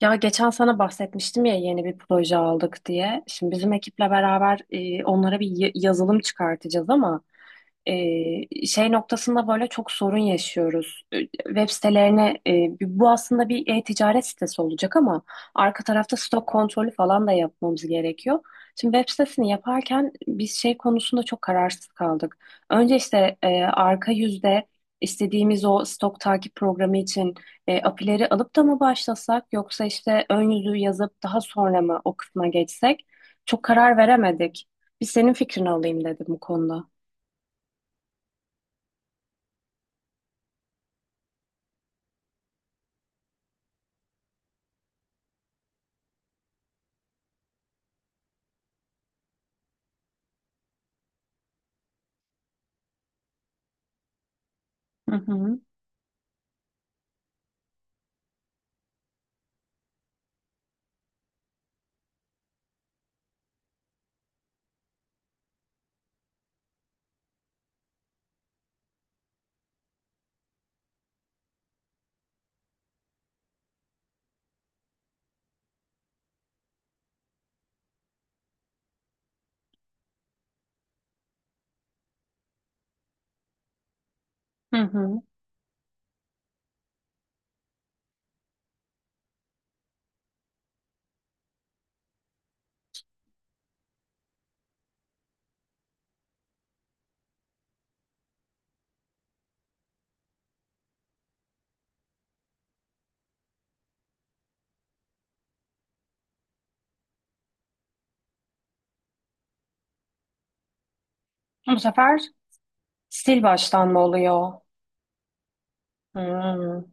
Ya geçen sana bahsetmiştim ya yeni bir proje aldık diye. Şimdi bizim ekiple beraber onlara bir yazılım çıkartacağız ama şey noktasında böyle çok sorun yaşıyoruz. Web sitelerine bu aslında bir e-ticaret sitesi olacak ama arka tarafta stok kontrolü falan da yapmamız gerekiyor. Şimdi web sitesini yaparken biz şey konusunda çok kararsız kaldık. Önce işte arka yüzde istediğimiz o stok takip programı için apileri alıp da mı başlasak yoksa işte ön yüzü yazıp daha sonra mı o kısma geçsek? Çok karar veremedik. Bir senin fikrini alayım dedim bu konuda. Hı hı. Hı hı. Bu sefer sil baştan mı oluyor? Hı.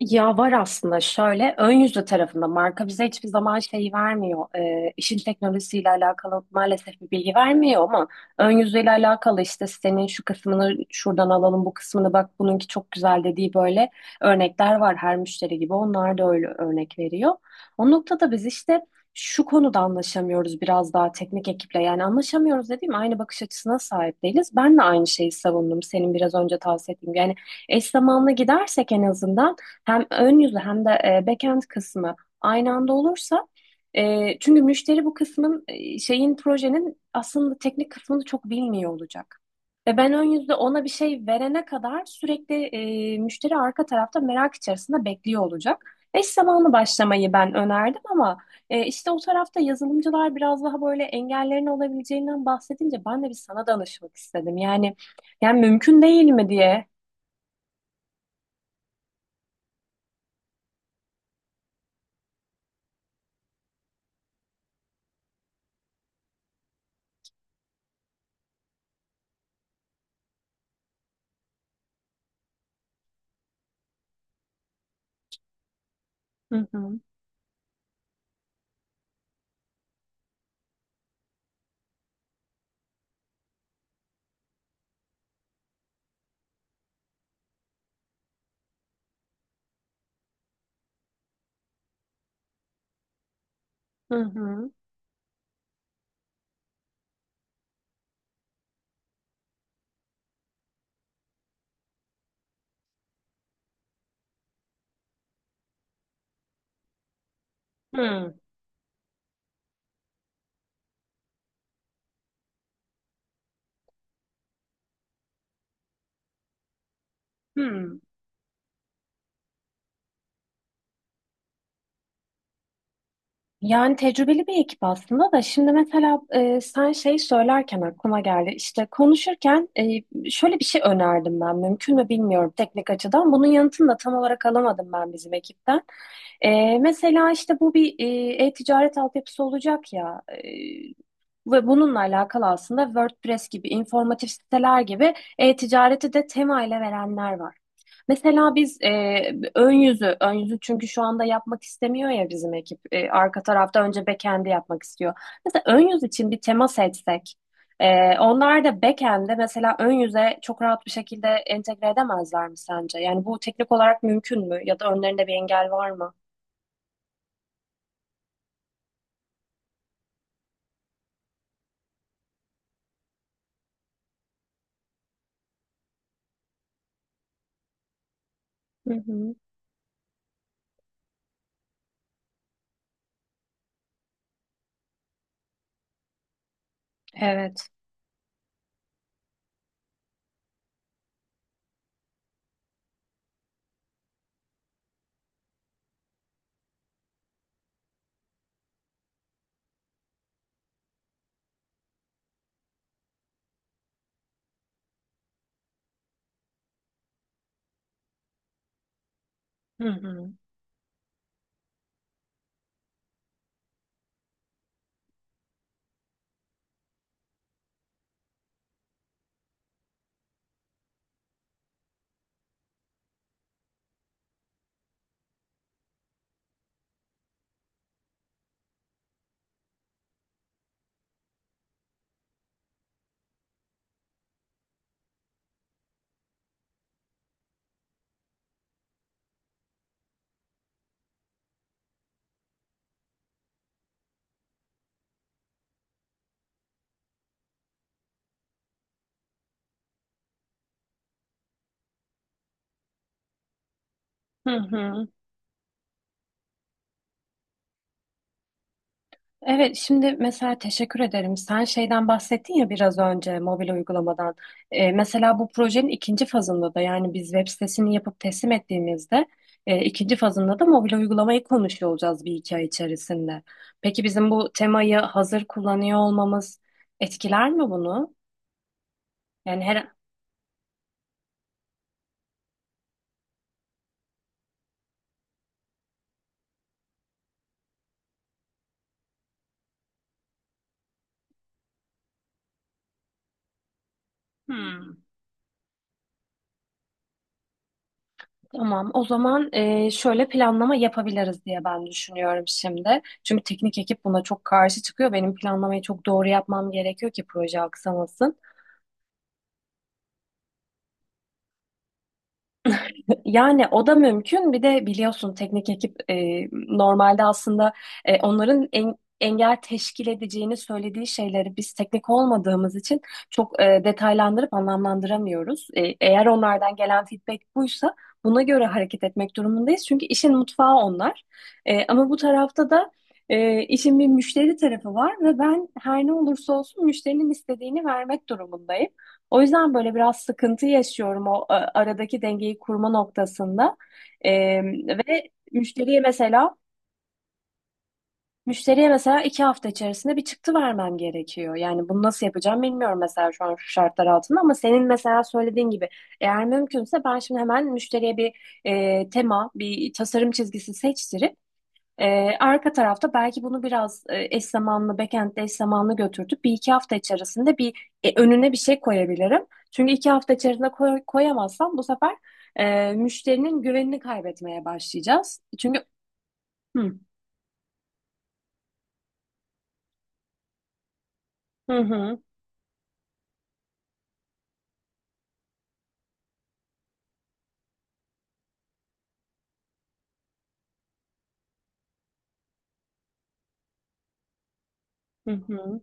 Ya var aslında şöyle ön yüzlü tarafında marka bize hiçbir zaman şeyi vermiyor. İşin teknolojisiyle alakalı maalesef bir bilgi vermiyor ama ön yüzüyle alakalı işte senin şu kısmını şuradan alalım bu kısmını bak bununki çok güzel dediği böyle örnekler var, her müşteri gibi onlar da öyle örnek veriyor. O noktada biz işte şu konuda anlaşamıyoruz, biraz daha teknik ekiple, yani anlaşamıyoruz dediğim aynı bakış açısına sahip değiliz. Ben de aynı şeyi savundum senin biraz önce tavsiye ettiğin gibi. Yani eş zamanlı gidersek en azından hem ön yüzü hem de backend kısmı aynı anda olursa çünkü müşteri bu kısmın şeyin projenin aslında teknik kısmını çok bilmiyor olacak. Ve ben ön yüzde ona bir şey verene kadar sürekli müşteri arka tarafta merak içerisinde bekliyor olacak. Eş zamanlı başlamayı ben önerdim ama işte o tarafta yazılımcılar biraz daha böyle engellerin olabileceğinden bahsedince ben de bir sana danışmak istedim. Yani mümkün değil mi diye. Hı hı. Hı hı. Hı. Hı. Yani tecrübeli bir ekip aslında, da şimdi mesela sen şey söylerken aklıma geldi. İşte konuşurken şöyle bir şey önerdim, ben mümkün mü bilmiyorum teknik açıdan. Bunun yanıtını da tam olarak alamadım ben bizim ekipten. Mesela işte bu bir e-ticaret altyapısı olacak ya. Ve bununla alakalı aslında WordPress gibi, informatif siteler gibi e-ticareti de tema ile verenler var. Mesela biz ön yüzü çünkü şu anda yapmak istemiyor ya bizim ekip. Arka tarafta önce backend'i yapmak istiyor. Mesela ön yüz için bir tema seçsek, onlar da backend'e, mesela ön yüze çok rahat bir şekilde entegre edemezler mi sence? Yani bu teknik olarak mümkün mü? Ya da önlerinde bir engel var mı? Hı hı. Evet. Hı hı. Hı hı. Evet, şimdi mesela teşekkür ederim. Sen şeyden bahsettin ya biraz önce, mobil uygulamadan. Mesela bu projenin ikinci fazında da, yani biz web sitesini yapıp teslim ettiğimizde ikinci fazında da mobil uygulamayı konuşuyor olacağız bir iki ay içerisinde. Peki bizim bu temayı hazır kullanıyor olmamız etkiler mi bunu? Yani her... Hı. Tamam, o zaman şöyle planlama yapabiliriz diye ben düşünüyorum şimdi. Çünkü teknik ekip buna çok karşı çıkıyor. Benim planlamayı çok doğru yapmam gerekiyor ki proje aksamasın. Yani o da mümkün. Bir de biliyorsun teknik ekip normalde aslında e, onların en, engel teşkil edeceğini söylediği şeyleri biz teknik olmadığımız için çok detaylandırıp anlamlandıramıyoruz. Eğer onlardan gelen feedback buysa buna göre hareket etmek durumundayız. Çünkü işin mutfağı onlar. Ama bu tarafta da işin bir müşteri tarafı var ve ben her ne olursa olsun müşterinin istediğini vermek durumundayım. O yüzden böyle biraz sıkıntı yaşıyorum o aradaki dengeyi kurma noktasında. E, ve müşteriye mesela müşteriye mesela iki hafta içerisinde bir çıktı vermem gerekiyor. Yani bunu nasıl yapacağım bilmiyorum mesela şu an şu şartlar altında, ama senin mesela söylediğin gibi eğer mümkünse ben şimdi hemen müşteriye bir tema, bir tasarım çizgisi seçtirip arka tarafta belki bunu biraz backend'de eş zamanlı götürdük. Bir iki hafta içerisinde bir önüne bir şey koyabilirim. Çünkü iki hafta içerisinde koyamazsam bu sefer müşterinin güvenini kaybetmeye başlayacağız. Çünkü hı hı hı hı. Hı.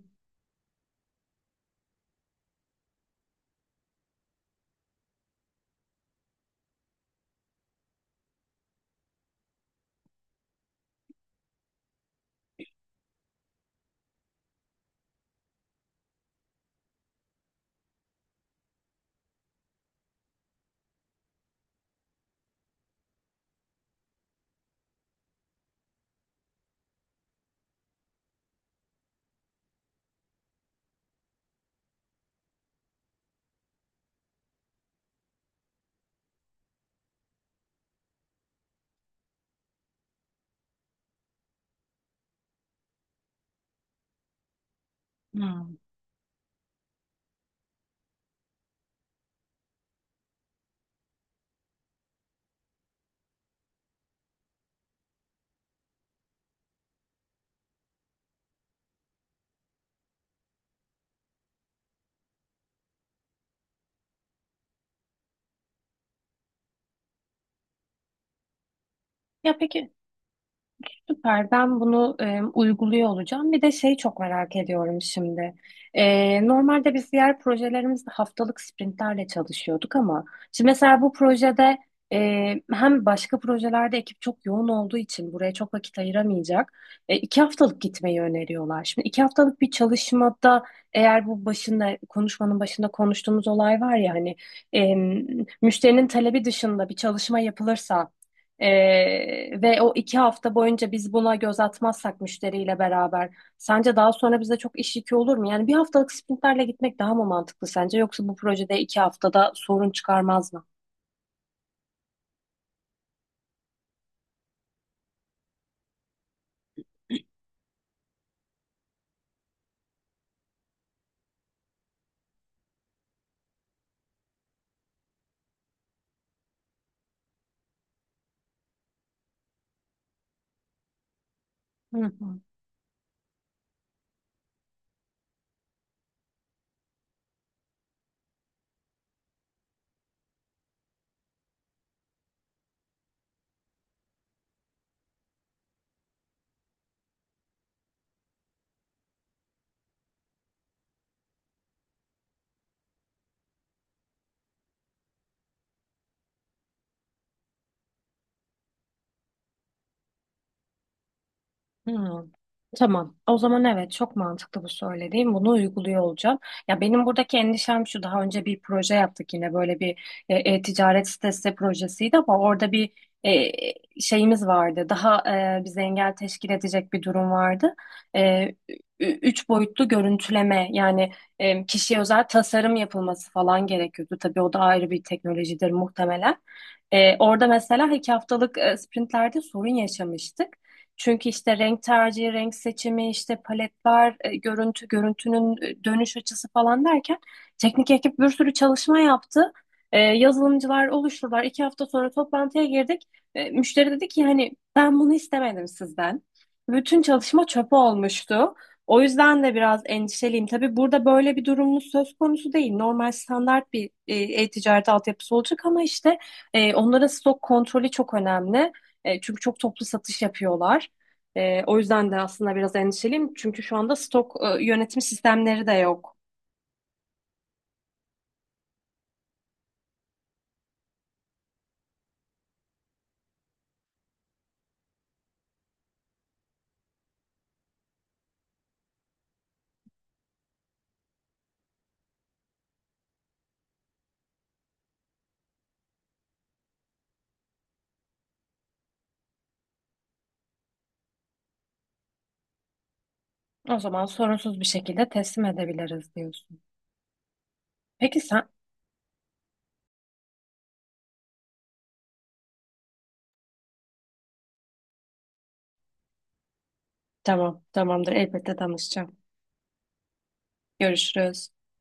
Ya peki. Süper. Ben bunu uyguluyor olacağım. Bir de şey çok merak ediyorum şimdi. Normalde biz diğer projelerimizde haftalık sprintlerle çalışıyorduk, ama şimdi mesela bu projede hem başka projelerde ekip çok yoğun olduğu için buraya çok vakit ayıramayacak. İki haftalık gitmeyi öneriyorlar. Şimdi iki haftalık bir çalışmada eğer bu konuşmanın başında konuştuğumuz olay var ya hani e, müşterinin talebi dışında bir çalışma yapılırsa ve o iki hafta boyunca biz buna göz atmazsak müşteriyle beraber sence daha sonra bize çok iş yükü olur mu? Yani bir haftalık sprintlerle gitmek daha mı mantıklı sence, yoksa bu projede iki haftada sorun çıkarmaz mı? Hı hı. Hmm. Tamam. O zaman evet çok mantıklı bu söylediğim. Bunu uyguluyor olacağım. Ya benim buradaki endişem şu. Daha önce bir proje yaptık yine böyle bir ticaret sitesi projesiydi, ama orada bir e, şeyimiz vardı. Daha bize engel teşkil edecek bir durum vardı. E, üç boyutlu görüntüleme, yani kişiye özel tasarım yapılması falan gerekiyordu. Tabii o da ayrı bir teknolojidir muhtemelen. Orada mesela iki haftalık sprintlerde sorun yaşamıştık. Çünkü işte renk tercihi, renk seçimi, işte paletler, görüntünün dönüş açısı falan derken teknik ekip bir sürü çalışma yaptı. Yazılımcılar oluştular. İki hafta sonra toplantıya girdik. Müşteri dedi ki hani ben bunu istemedim sizden. Bütün çalışma çöpe olmuştu. O yüzden de biraz endişeliyim. Tabii burada böyle bir durumumuz söz konusu değil. Normal standart bir e-ticaret altyapısı olacak ama işte onlara stok kontrolü çok önemli. Çünkü çok toplu satış yapıyorlar. O yüzden de aslında biraz endişeliyim. Çünkü şu anda stok yönetim sistemleri de yok. O zaman sorunsuz bir şekilde teslim edebiliriz diyorsun. Peki sen? Tamam, tamamdır. Elbette danışacağım. Görüşürüz.